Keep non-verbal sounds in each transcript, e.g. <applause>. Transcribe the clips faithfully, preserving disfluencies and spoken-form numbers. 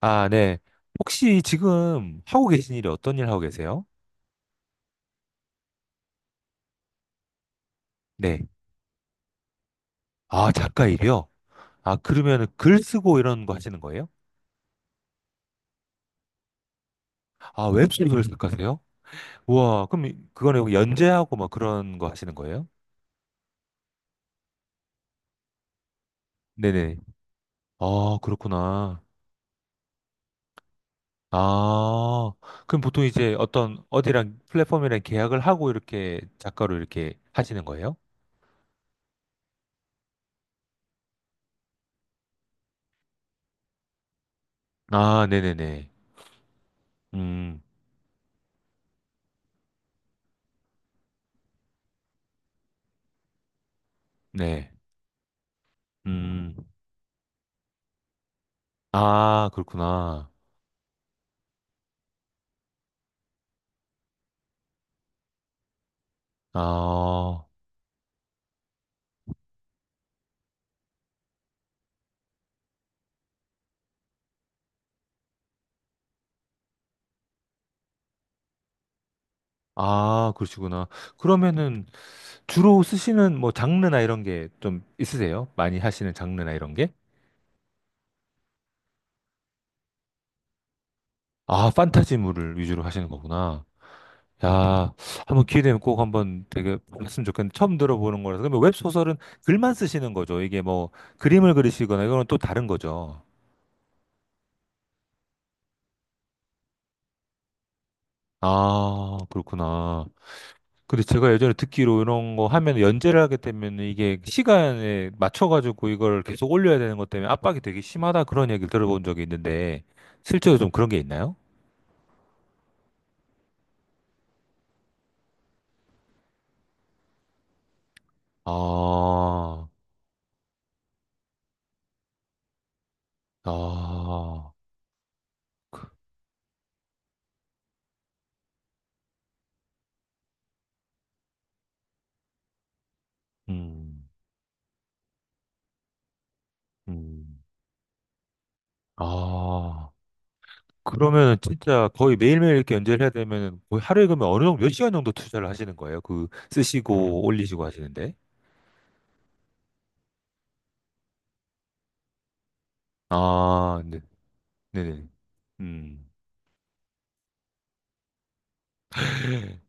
아, 네. 혹시 지금 하고 계신 일이 어떤 일 하고 계세요? 네. 아, 작가 일이요? 아, 그러면 글 쓰고 이런 거 하시는 거예요? 아, 웹소설 작가세요? 우와, 그럼 이- 그거는 뭐 연재하고 막 그런 거 하시는 거예요? 네네. 아, 그렇구나. 아, 그럼 보통 이제 어떤 어디랑 플랫폼이랑 계약을 하고 이렇게 작가로 이렇게 하시는 거예요? 아, 네네네. 음, 네. 음, 아, 그렇구나. 아. 아, 그러시구나. 그러면은 주로 쓰시는 뭐 장르나 이런 게 좀 있으세요? 많이 하시는 장르나 이런 게? 아, 판타지물을 위주로 하시는 거구나. 야, 한번 기회 되면 꼭 한번 되게 했으면 좋겠는데 처음 들어보는 거라서. 그러면 웹소설은 글만 쓰시는 거죠. 이게 뭐 그림을 그리시거나 이거는 또 다른 거죠. 아, 그렇구나. 근데 제가 예전에 듣기로 이런 거 하면 연재를 하게 되면 이게 시간에 맞춰가지고 이걸 계속 올려야 되는 것 때문에 압박이 되게 심하다 그런 얘기를 들어본 적이 있는데 실제로 좀 그런 게 있나요? 아, 아, 음, 음, 아. 그러면 진짜 거의 매일매일 이렇게 연재를 해야 되면 거의 하루에 그러면 어느 정도 몇 시간 정도 투자를 하시는 거예요? 그 쓰시고 올리시고 하시는데? 아, 네, 네네. 음. <laughs>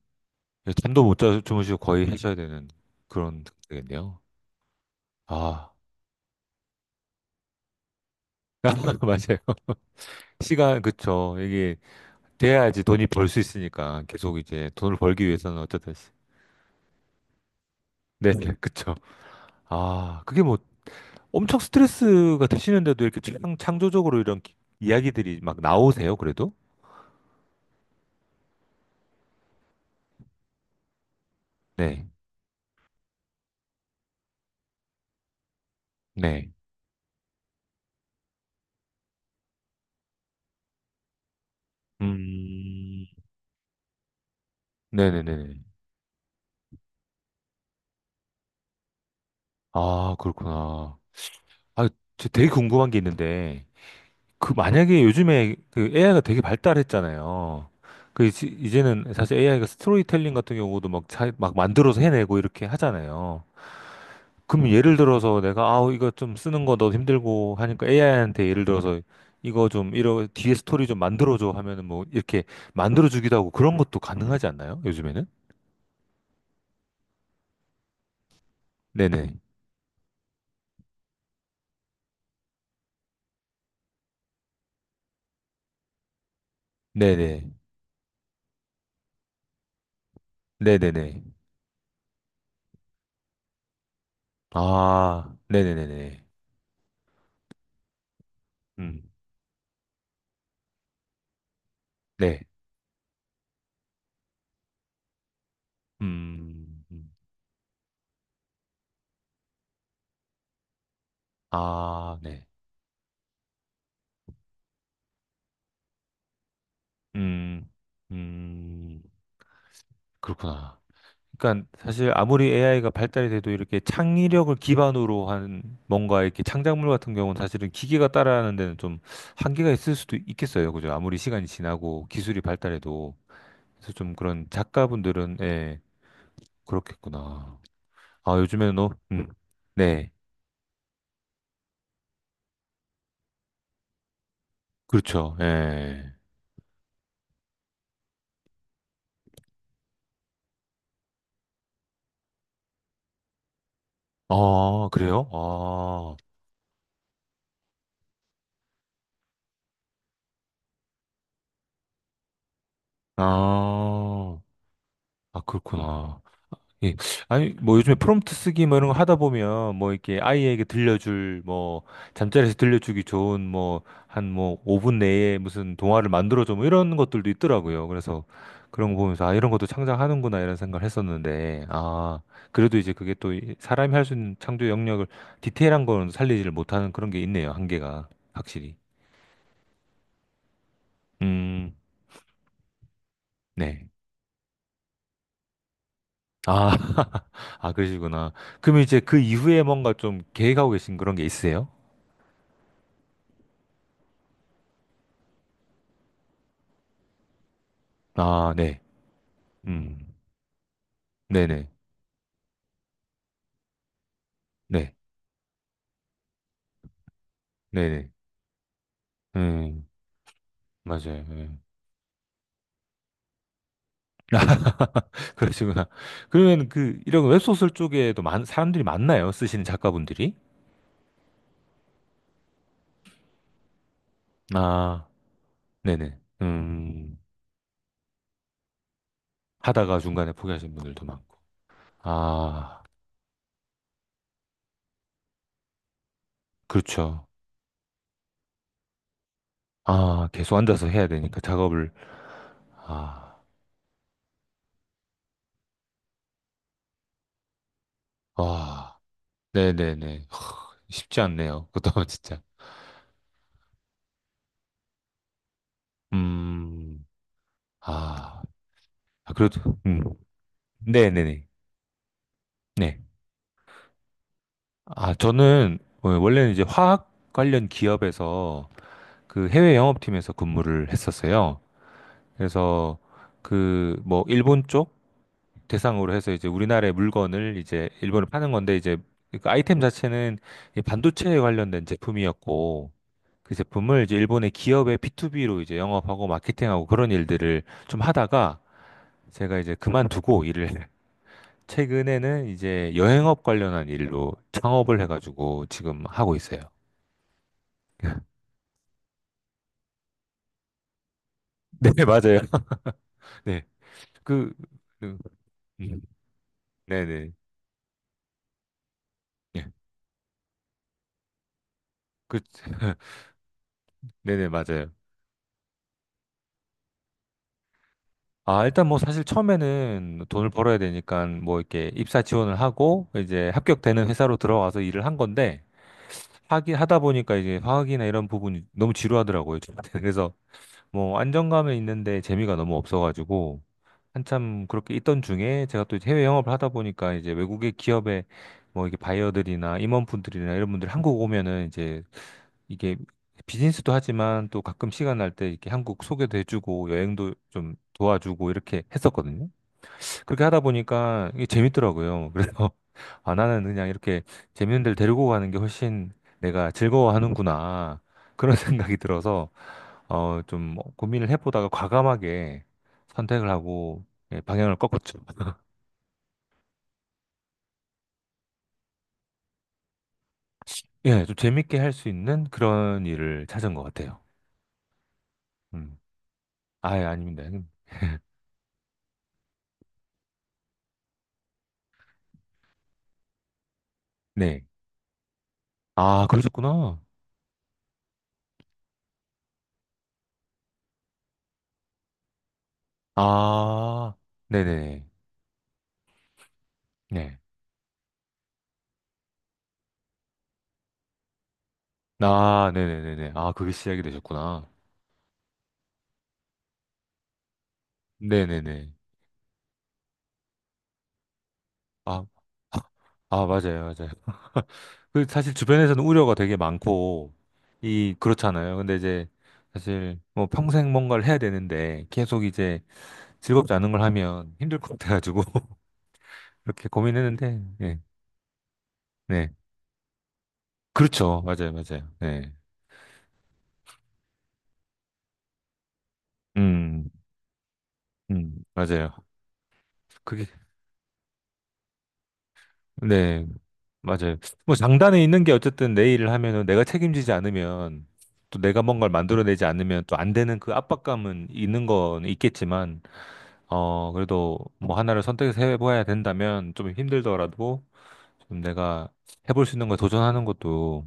예, 잠도 못 자, 주무시고 거의 하셔야 되는 그런 상태겠네요. 아, <laughs> 맞아요. 시간, 그쵸. 이게 돼야지 돈이 벌 수 있으니까 계속 이제 돈을 벌기 위해서는 어쨌든. 시- 네, 네, <laughs> 그쵸. 아, 그게 뭐 엄청 스트레스가 되시는데도 이렇게 창, 창조적으로 이런 기- 이야기들이 막 나오세요, 그래도? 네, 네. 음, 네네네. 아, 그렇구나. 아, 저 되게 궁금한 게 있는데, 그 만약에 요즘에 그 에이아이가 되게 발달했잖아요. 그 이제- 이제는 사실 에이아이가 스토리텔링 같은 경우도 막, 자, 막 만들어서 해내고 이렇게 하잖아요. 그럼 예를 들어서 내가 아우 이거 좀 쓰는 거 너무 힘들고 하니까 에이아이한테 예를 들어서 이거 좀 이런 뒤에 스토리 좀 만들어줘 하면은 뭐 이렇게 만들어주기도 하고 그런 것도 가능하지 않나요? 요즘에는? 네네. 네네. 네네네. 아, 네네네네. 음. 네. 음. 음. 아, 네. 음, 음, 그렇구나. 그러니까 사실 아무리 에이아이가 발달이 돼도 이렇게 창의력을 기반으로 한 뭔가 이렇게 창작물 같은 경우는 사실은 기계가 따라하는 데는 좀 한계가 있을 수도 있겠어요. 그죠? 아무리 시간이 지나고 기술이 발달해도. 그래서 좀 그런 작가분들은, 예, 그렇겠구나. 아, 요즘에는, 너, 음, 네, 그렇죠. 예. 아, 그래요? 아, 아, 아, 그렇구나. 예. 아니, 뭐 요즘에 프롬프트 쓰기 뭐 이런 거 하다 보면 뭐 이렇게 아이에게 들려줄 뭐 잠자리에서 들려주기 좋은 뭐 한 뭐 오 분 내에 무슨 동화를 만들어줘 뭐 이런 것들도 있더라고요. 그래서 그런 거 보면서 아, 이런 것도 창작하는구나 이런 생각을 했었는데 아, 그래도 이제 그게 또 이- 사람이 할 수 있는 창조 영역을 디테일한 거는 살리지를 못하는 그런 게 있네요. 한계가 확실히. 음, 네. 아, <laughs> 아, 그러시구나. 그럼 이제 그 이후에 뭔가 좀 계획하고 계신 그런 게 있으세요? 아, 네. 음. 네네. 네. 네네. 음. 맞아요. 예. <laughs> 그러시구나. 그러면 그 이런 웹소설 쪽에도 많, 사람들이 많나요? 쓰시는 작가분들이? 아, 네네. 음. 하다가 중간에 포기하신 분들도 많고. 아, 그렇죠. 아, 계속 앉아서 해야 되니까 작업을. 아, 와. 네네네. 허, 쉽지 않네요. 그것도 <laughs> 진짜. 음. 아, 그래도 음. 네네네. 네. 아, 저는 어, 원래는 이제 화학 관련 기업에서 그 해외 영업팀에서 근무를 했었어요. 그래서 그 뭐 일본 쪽 대상으로 해서 이제 우리나라의 물건을 이제 일본에 파는 건데 이제 그 아이템 자체는 이 반도체에 관련된 제품이었고 그 제품을 이제 일본의 기업의 비투비로 이제 영업하고 마케팅하고 그런 일들을 좀 하다가 제가 이제 그만두고 일을 <laughs> 최근에는 이제 여행업 관련한 일로 창업을 해가지고 지금 하고 있어요. <laughs> 네, 맞아요. <laughs> 네. 그, 그, 음, 네네. 예. 그, <laughs> 네네, 맞아요. 아, 일단 뭐 사실 처음에는 돈을 벌어야 되니까 뭐 이렇게 입사 지원을 하고 이제 합격되는 회사로 들어가서 일을 한 건데 하기 하다 보니까 이제 화학이나 이런 부분이 너무 지루하더라고요. 저한테는. 그래서 뭐 안정감은 있는데 재미가 너무 없어가지고 한참 그렇게 있던 중에 제가 또 이제 해외 영업을 하다 보니까 이제 외국의 기업의 뭐 이게 바이어들이나 임원분들이나 이런 분들이 한국 오면은 이제 이게 비즈니스도 하지만 또 가끔 시간 날 때 이렇게 한국 소개도 해주고 여행도 좀 도와주고 이렇게 했었거든요. 그렇게 하다 보니까 이게 재밌더라고요. 그래서 <laughs> 아 나는 그냥 이렇게 재밌는 데를 데리고 가는 게 훨씬 내가 즐거워하는구나 그런 <laughs> 생각이 들어서 어좀 뭐 고민을 해보다가 과감하게 선택을 하고 예, 방향을 꺾었죠. <laughs> 예, 좀 재밌게 할 수 있는 그런 일을 찾은 것 같아요. 음. 아예 아닙니다. 네. 아, 그러셨구나. 아, 네네네. 네. 아, 네네네네. 아, 그게 시작이 되셨구나. 네네네. 아, 아, 아, 맞아요, 맞아요. <laughs> 그 사실 주변에서는 우려가 되게 많고, 이, 그렇잖아요. 근데 이제 사실 뭐 평생 뭔가를 해야 되는데 계속 이제 즐겁지 않은 걸 하면 힘들 것 같아가지고, <laughs> 이렇게 고민했는데, 예, 네. 그렇죠. 맞아요, 맞아요. 네. 음, 음, 맞아요. 그게 네, 맞아요. 뭐 장단에 있는 게 어쨌든 내 일을 하면은 내가 책임지지 않으면 또 내가 뭔가를 만들어내지 않으면 또 안 되는 그 압박감은 있는 건 있겠지만 어 그래도 뭐 하나를 선택해서 해봐야 된다면 좀 힘들더라도 좀 내가 해볼 수 있는 걸 도전하는 것도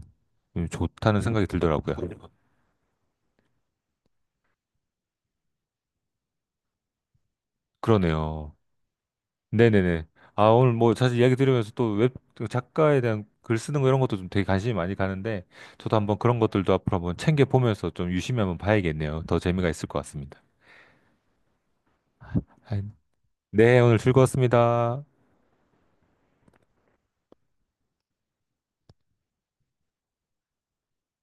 좀 좋다는 생각이 들더라고요. 그러네요. 네네네. 아, 오늘 뭐 사실 이야기 들으면서 또 웹 작가에 대한 글 쓰는 거 이런 것도 좀 되게 관심이 많이 가는데 저도 한번 그런 것들도 앞으로 한번 챙겨 보면서 좀 유심히 한번 봐야겠네요. 더 재미가 있을 것 같습니다. 아, 네, 오늘 즐거웠습니다.